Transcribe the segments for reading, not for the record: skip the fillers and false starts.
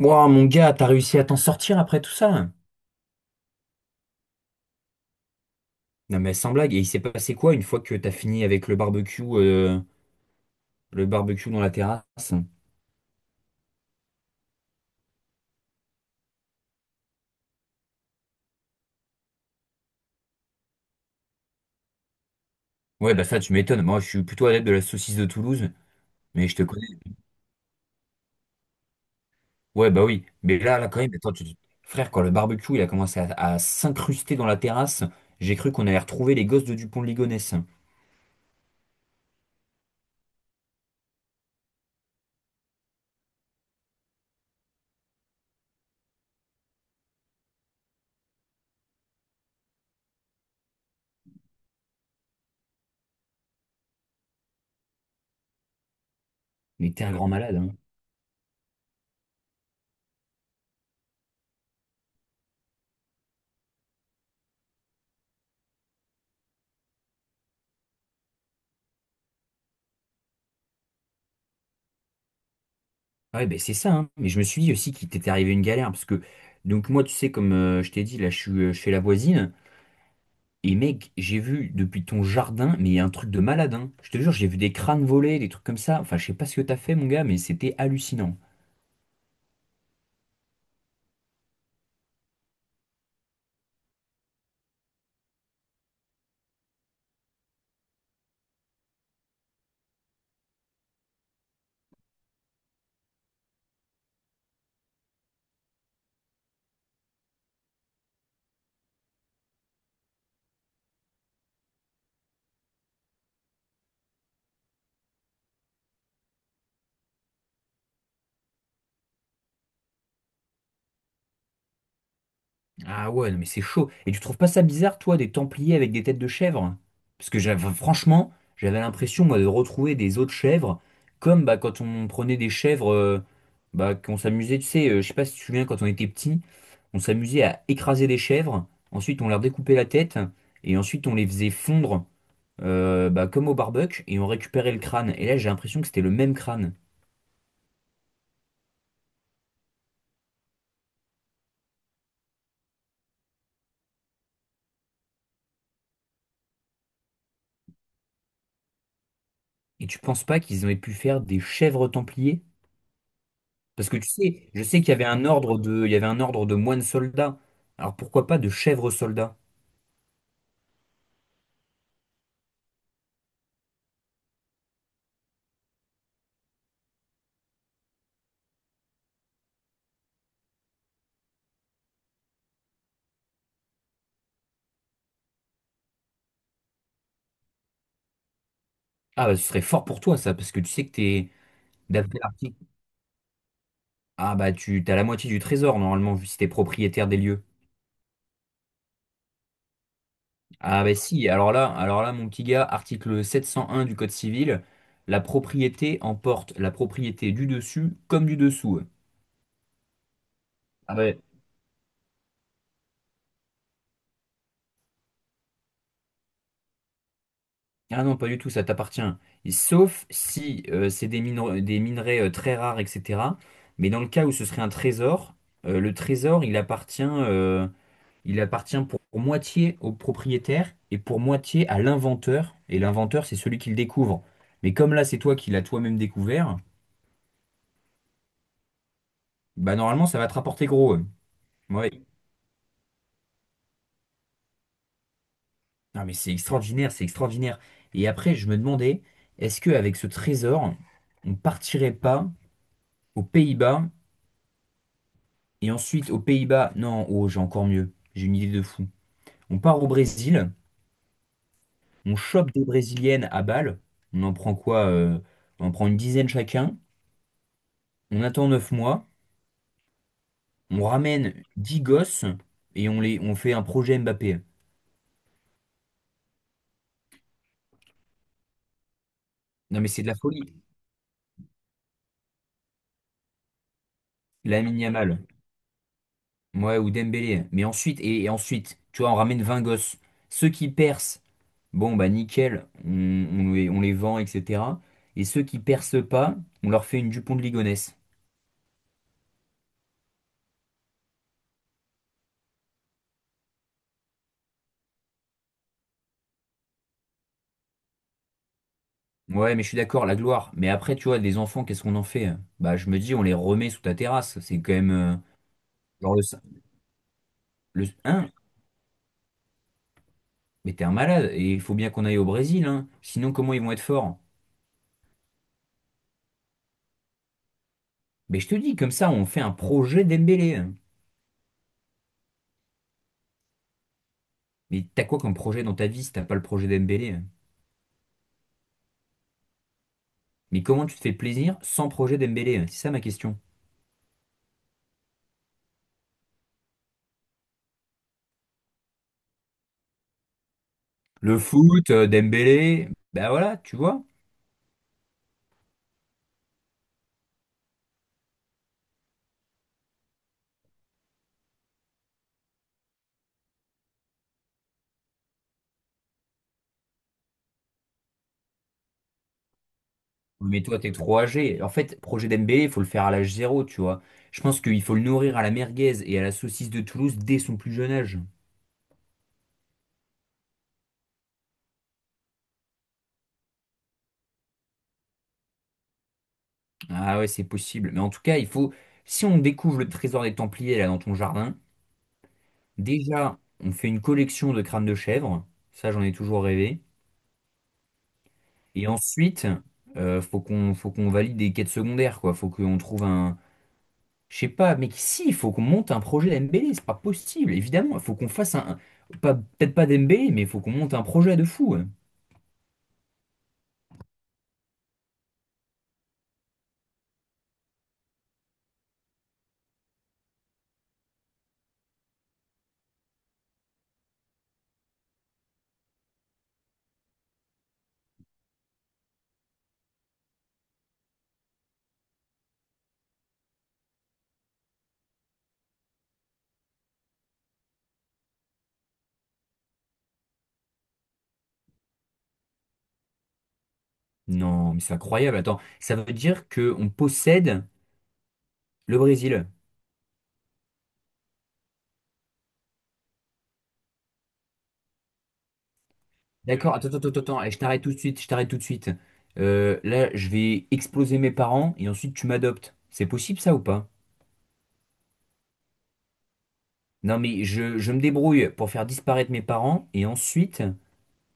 Wow, mon gars, t'as réussi à t'en sortir après tout ça? Non mais sans blague, et il s'est passé quoi une fois que t'as fini avec le barbecue dans la terrasse? Ouais, bah ça, tu m'étonnes. Moi, je suis plutôt adepte de la saucisse de Toulouse, mais je te connais. Ouais, bah oui. Mais là, là, quand même, attends, tu. Frère, quand le barbecue, il a commencé à s'incruster dans la terrasse, j'ai cru qu'on allait retrouver les gosses de Dupont de Ligonnès. Mais t'es un grand malade, hein. Ouais, ben c'est ça, hein. Mais je me suis dit aussi qu'il t'était arrivé une galère, parce que, donc moi, tu sais, comme je t'ai dit, là, je suis, je la voisine. Et mec, j'ai vu depuis ton jardin, mais il y a un truc de malade, hein. Je te jure, j'ai vu des crânes voler, des trucs comme ça. Enfin, je sais pas ce que t'as fait, mon gars, mais c'était hallucinant. Ah ouais, non, mais c'est chaud. Et tu trouves pas ça bizarre, toi, des templiers avec des têtes de chèvres? Parce que j'avais, franchement, j'avais l'impression, moi, de retrouver des autres chèvres, comme bah, quand on prenait des chèvres, bah, qu'on s'amusait, tu sais, je sais pas si tu te souviens, quand on était petit, on s'amusait à écraser des chèvres, ensuite on leur découpait la tête, et ensuite on les faisait fondre, bah, comme au barbecue, et ont récupéré le crâne. Et là, j'ai l'impression que c'était le même crâne. Et tu penses pas qu'ils auraient pu faire des chèvres templiers? Parce que tu sais, je sais qu'il y avait il y avait un ordre de moines soldats. Alors pourquoi pas de chèvres soldats? Ah bah ce serait fort pour toi ça, parce que tu sais que t'es d'après l'article. Ah bah tu t'as la moitié du trésor normalement, vu si t'es propriétaire des lieux. Ah bah si, alors là, mon petit gars, article 701 du Code civil, la propriété emporte la propriété du dessus comme du dessous. Ah bah. Ah non, pas du tout, ça t'appartient. Et sauf si c'est des minerais, très rares, etc. Mais dans le cas où ce serait un trésor, le trésor, il appartient pour moitié au propriétaire et pour moitié à l'inventeur. Et l'inventeur, c'est celui qui le découvre. Mais comme là, c'est toi qui l'as toi-même découvert, bah normalement, ça va te rapporter gros. Ouais. Non, mais c'est extraordinaire, c'est extraordinaire. Et après, je me demandais, est-ce qu'avec ce trésor, on partirait pas aux Pays-Bas? Et ensuite, aux Pays-Bas, non, oh, j'ai encore mieux. J'ai une idée de fou. On part au Brésil, on chope des Brésiliennes à Bâle. On en prend quoi? On en prend une dizaine chacun. On attend 9 mois. On ramène 10 gosses et on fait un projet Mbappé. Non, mais c'est de la folie. Lamine Yamal. Ouais, ou Dembélé. Mais ensuite, et ensuite, tu vois, on ramène 20 gosses. Ceux qui percent, bon, bah nickel, on les, on les, vend, etc. Et ceux qui percent pas, on leur fait une Dupont de Ligonnès. Ouais, mais je suis d'accord, la gloire. Mais après, tu vois, des enfants, qu'est-ce qu'on en fait? Hein? Bah, je me dis, on les remet sous ta terrasse. C'est quand même. Genre le hein? Mais t'es un malade. Et il faut bien qu'on aille au Brésil, hein. Sinon, comment ils vont être forts? Mais je te dis, comme ça, on fait un projet Dembélé, hein. Mais t'as quoi comme projet dans ta vie si t'as pas le projet Dembélé? Hein? Mais comment tu te fais plaisir sans projet Dembélé? Hein? C'est ça ma question. Le foot, Dembélé, bah voilà, tu vois. Oui, mais toi, t'es trop âgé. En fait, projet Dembélé, il faut le faire à l'âge 0, tu vois. Je pense qu'il faut le nourrir à la merguez et à la saucisse de Toulouse dès son plus jeune âge. Ah ouais, c'est possible. Mais en tout cas, il faut, si on découvre le trésor des Templiers là dans ton jardin, déjà, on fait une collection de crânes de chèvre. Ça, j'en ai toujours rêvé. Et ensuite, faut qu'on valide des quêtes secondaires, quoi. Faut qu'on trouve un, je sais pas, mais si, il faut qu'on monte un projet Dembélé. C'est pas possible, évidemment. Il faut qu'on fasse peut-être pas Dembélé, mais il faut qu'on monte un projet de fou, hein. Non, mais c'est incroyable. Attends, ça veut dire que on possède le Brésil. D'accord, attends, attends, attends, attends. Eh, je t'arrête tout de suite, je t'arrête tout de suite. Là, je vais exploser mes parents et ensuite tu m'adoptes. C'est possible ça ou pas? Non, mais je me débrouille pour faire disparaître mes parents et ensuite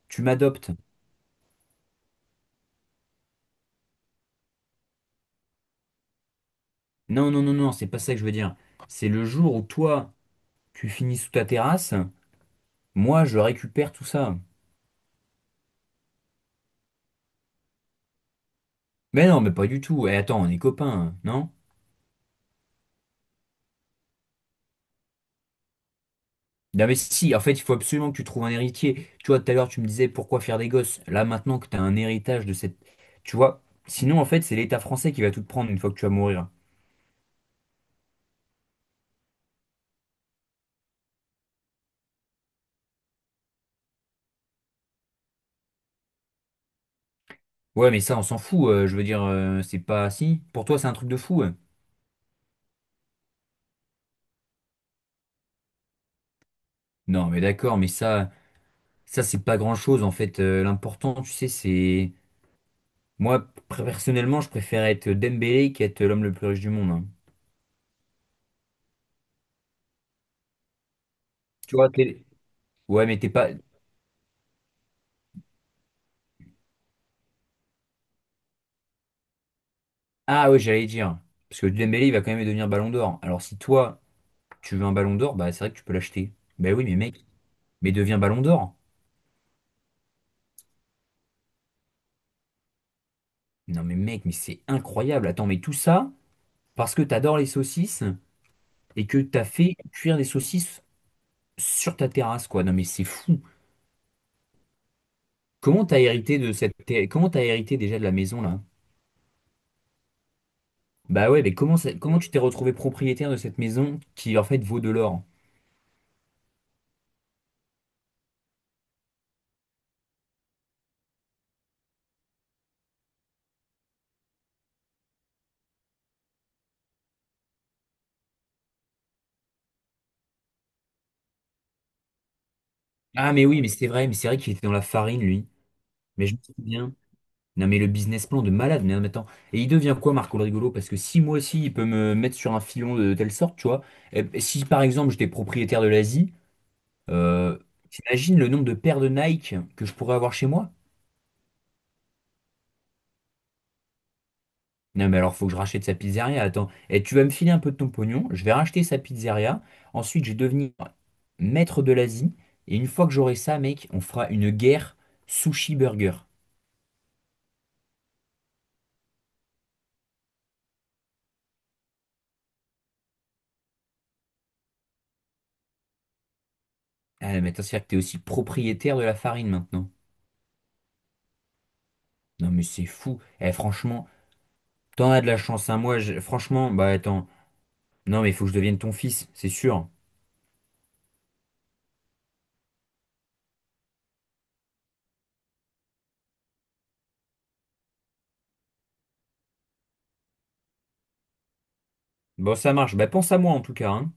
tu m'adoptes. Non, non, non, non, c'est pas ça que je veux dire. C'est le jour où toi, tu finis sous ta terrasse, moi, je récupère tout ça. Mais non, mais pas du tout. Et attends, on est copains, hein, non? Non mais si, en fait, il faut absolument que tu trouves un héritier. Tu vois, tout à l'heure, tu me disais pourquoi faire des gosses. Là, maintenant que tu as un héritage de cette. Tu vois, sinon, en fait, c'est l'État français qui va tout te prendre une fois que tu vas mourir. Ouais, mais ça, on s'en fout. Je veux dire, c'est pas. Si, pour toi, c'est un truc de fou. Ouais. Non, mais d'accord, mais ça, c'est pas grand-chose, en fait. L'important, tu sais, c'est. Moi, personnellement, je préfère être Dembélé qu'être l'homme le plus riche du monde, hein. Tu vois, t'es. Ouais, mais t'es pas. Ah ouais, j'allais dire. Parce que Dembélé, il va quand même devenir Ballon d'Or. Alors si toi. Tu veux un ballon d'or? Bah, c'est vrai que tu peux l'acheter. Bah oui, mais mec, mais deviens ballon d'or. Non, mais mec, mais c'est incroyable. Attends, mais tout ça parce que t'adores les saucisses et que t'as fait cuire des saucisses sur ta terrasse, quoi. Non, mais c'est fou. Comment t'as hérité de comment t'as hérité déjà de la maison, là? Bah ouais, mais comment tu t'es retrouvé propriétaire de cette maison qui, en fait, vaut de l'or? Ah, mais oui, mais c'est vrai qu'il était dans la farine, lui. Mais je me souviens. Non mais le business plan de malade, mais non mais attends. Et il devient quoi Marco le rigolo? Parce que si moi aussi il peut me mettre sur un filon de telle sorte, tu vois, et si par exemple j'étais propriétaire de l'Asie, euh, t'imagines le nombre de paires de Nike que je pourrais avoir chez moi? Non mais alors faut que je rachète sa pizzeria, attends. Et tu vas me filer un peu de ton pognon, je vais racheter sa pizzeria, ensuite je vais devenir maître de l'Asie, et une fois que j'aurai ça, mec, on fera une guerre sushi burger. Ah mais attends, c'est-à-dire que t'es aussi propriétaire de la farine maintenant. Non mais c'est fou. Eh, franchement, t'en as de la chance, hein. Moi, franchement, bah attends. Non, mais il faut que je devienne ton fils, c'est sûr. Bon, ça marche. Bah pense à moi en tout cas, hein.